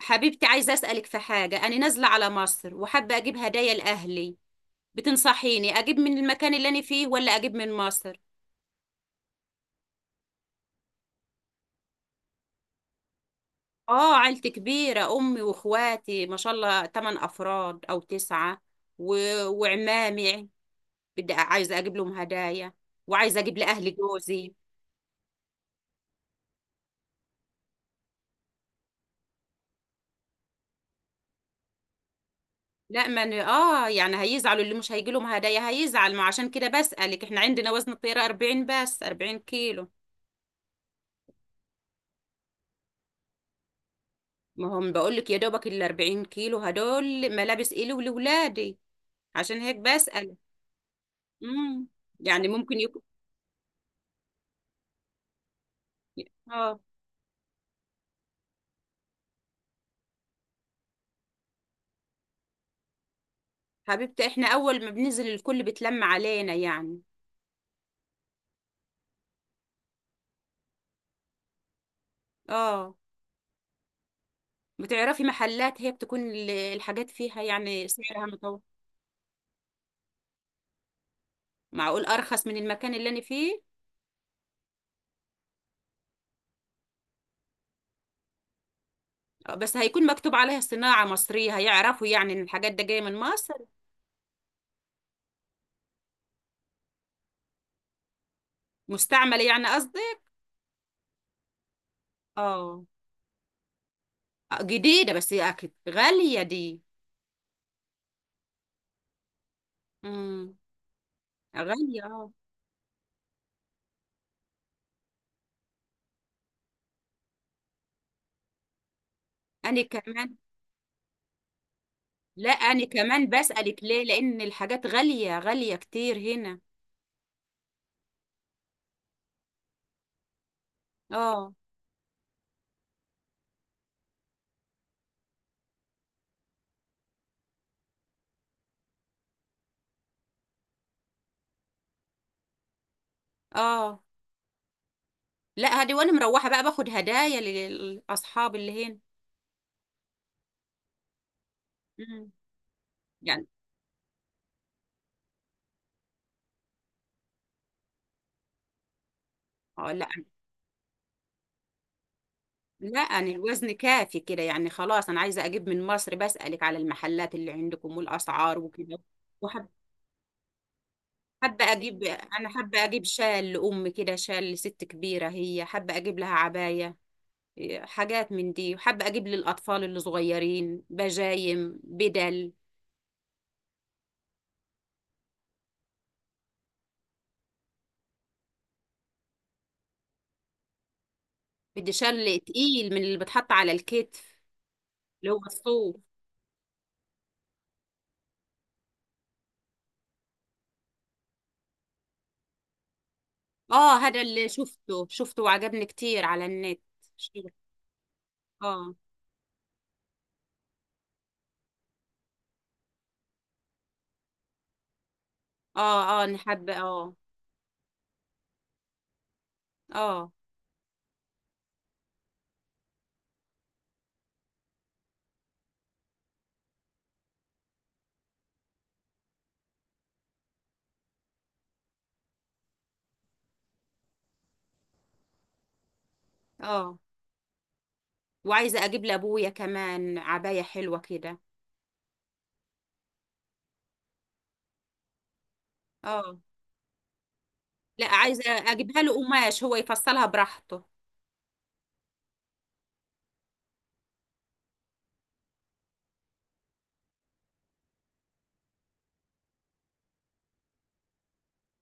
حبيبتي، عايزة أسألك في حاجة. أنا نازلة على مصر وحابة أجيب هدايا لأهلي. بتنصحيني أجيب من المكان اللي أنا فيه ولا أجيب من مصر؟ آه، عيلتي كبيرة، أمي وإخواتي ما شاء الله 8 أفراد أو 9، و... وعمامي. بدي عايزة أجيب لهم هدايا، وعايزة أجيب لأهلي جوزي. لا ما أنا. آه يعني هيزعلوا، اللي مش هيجي لهم هدايا هيزعل، ما عشان كده بسألك. إحنا عندنا وزن الطيارة 40، بس 40 كيلو. ما هم بقول لك، يا دوبك ال 40 كيلو هدول ملابس إلي ولولادي، عشان هيك بسأل. امم يعني ممكن يكون. اه، حبيبتي احنا اول ما بننزل الكل بتلم علينا يعني. اه، بتعرفي محلات هي بتكون الحاجات فيها يعني سعرها متوسط؟ معقول ارخص من المكان اللي انا فيه؟ بس هيكون مكتوب عليها صناعة مصرية، هيعرفوا يعني ان الحاجات ده جاية من مصر. مستعملة يعني قصدي. اه. جديدة بس اكيد غالية دي. امم غالية اه. انا كمان. لا، انا كمان بسألك ليه، لان الحاجات غالية غالية كتير هنا. اه. اه، لا هدي وانا مروحة بقى باخد هدايا للاصحاب اللي هنا. مم. يعني. اه. لا. لا انا الوزن كافي كده يعني، خلاص انا عايزة اجيب من مصر، بسألك على المحلات اللي عندكم والاسعار وكده. وحابة حابة اجيب، انا حابة اجيب شال لامي كده، شال لست كبيرة، هي حابة اجيب لها عباية. حاجات من دي، وحابة أجيب للأطفال اللي صغيرين بجايم بدل. بدي شل تقيل من اللي بتحط على الكتف، اللي هو الصوف. اه، هذا اللي شفته وعجبني كتير على النت. شو- اه. اه اه، أنا حابة اه. اه. اه، وعايزة أجيب لأبويا كمان عباية حلوة كده. اه، لا عايزة أجيبها له قماش، هو يفصلها براحته.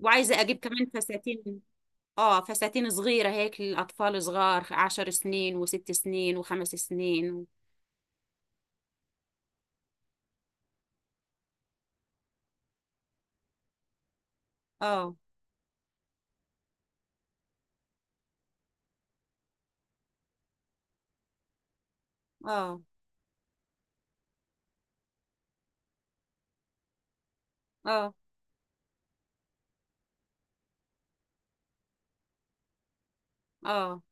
وعايزة أجيب كمان فساتين. اه، فساتين صغيرة هيك للأطفال صغار، 10 سنين وست سنين وخمس سنين اه. اه. اه. اه،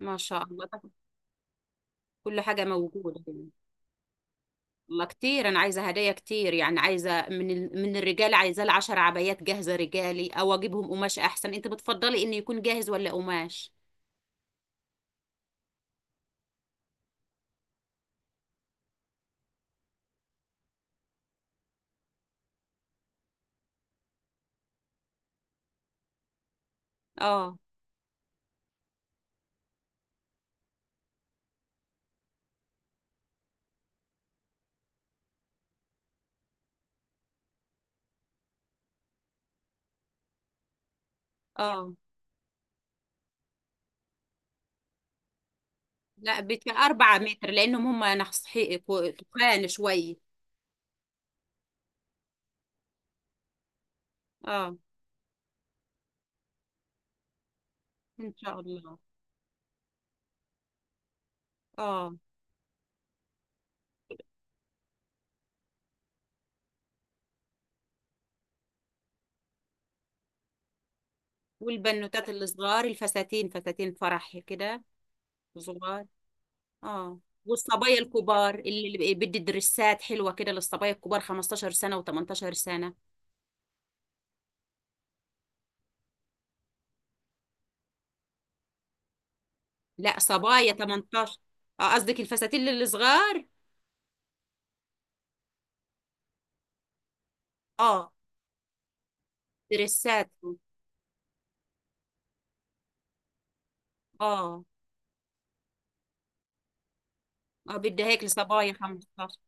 ما شاء الله. طب كل حاجة موجودة يعني. والله كتير، أنا عايزة هدايا كتير يعني. عايزة من الرجال، عايزة ال10 عبايات جاهزة رجالي، أو أجيبهم قماش أحسن؟ أنت بتفضلي إنه يكون جاهز ولا قماش؟ اه. اه، لا 4 متر، لأنهم هم تخان شوية. اه، إن شاء الله. اه. والبنوتات الصغار الفساتين، فساتين فرح كده صغار. اه. والصبايا الكبار، اللي بدي درسات حلوة كده للصبايا الكبار، 15 سنة و18 سنة. لا، صبايا 18. اه قصدك الفساتين للصغار. اه، درسات. اه. اه، بدي هيك لصبايا 15.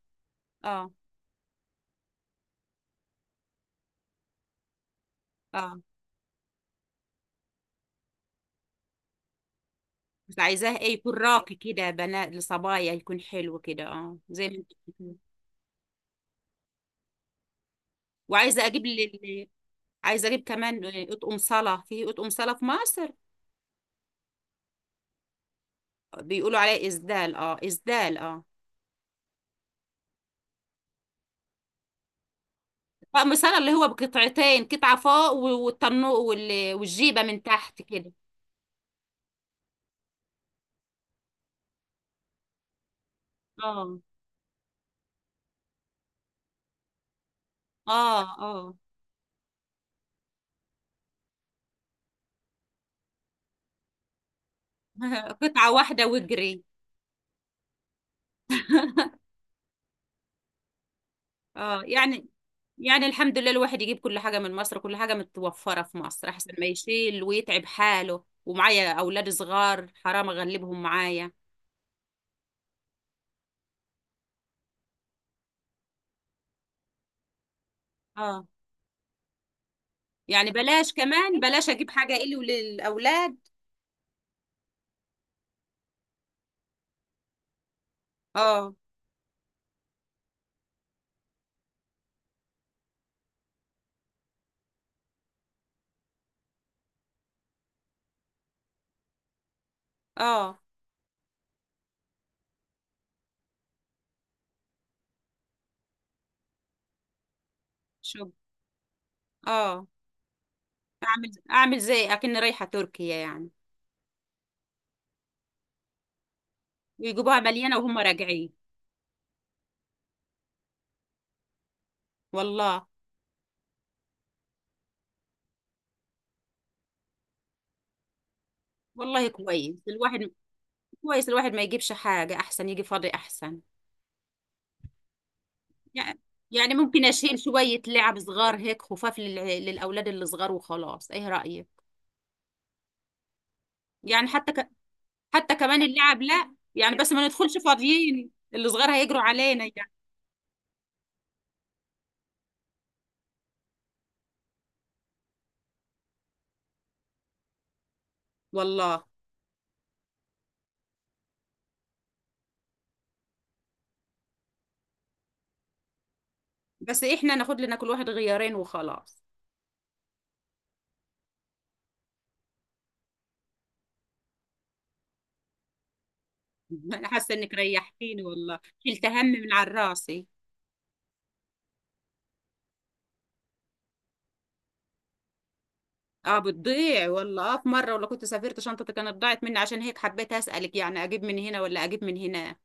اه. اه، بس عايزاه ايه، يكون راقي كده بنات، لصبايا يكون حلو كده اه زي ما انت بتقولي. وعايزه اجيب لي. عايزه اجيب كمان اطقم صلاه، في اطقم صلاه في مصر؟ بيقولوا عليه إسدال، اه إسدال اه. طقم صلى اللي هو بقطعتين، قطعة فوق والطنو والجيبة من تحت كده. اه. اه. اه. قطعة واحدة واجري. اه يعني. يعني الحمد لله، الواحد يجيب كل حاجة من مصر، كل حاجة متوفرة في مصر، أحسن ما يشيل ويتعب حاله، ومعايا أولاد صغار حرام أغلبهم معايا. اه يعني بلاش، كمان بلاش أجيب حاجة إلي وللأولاد. اه. اه. شوف. اه. اعمل اعمل زي اكن رايحه تركيا يعني. ويجيبوها مليانه وهم راجعين. والله. والله كويس الواحد. كويس الواحد ما يجيبش حاجه، احسن يجي فاضي احسن. يعني. يعني ممكن اشيل شويه لعب صغار هيك خفاف للاولاد اللي صغار وخلاص، ايه رايك؟ يعني حتى كمان اللعب، لا يعني بس ما ندخلش فاضيين، اللي صغار هيجروا علينا يعني. والله. بس احنا ناخد لنا كل واحد غيارين وخلاص. انا حاسه انك ريحتيني والله. شلت هم من على راسي. اه، بتضيع والله. اه، في مرة ولا كنت سافرت شنطتي كانت ضاعت مني، عشان هيك حبيت أسألك يعني، أجيب من هنا ولا أجيب من هنا.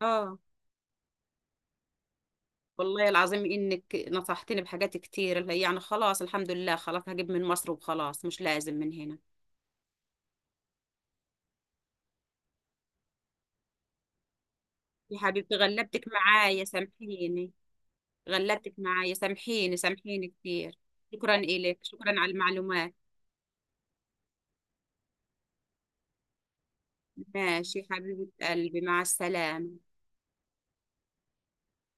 اه، والله العظيم إنك نصحتني بحاجات كتير يعني، خلاص الحمد لله، خلاص هجيب من مصر وخلاص مش لازم من هنا. يا حبيبتي غلبتك معايا سامحيني. غلبتك معايا، سامحيني سامحيني كتير. شكرا إلك، شكرا على المعلومات. ماشي حبيبة قلبي، مع السلامة.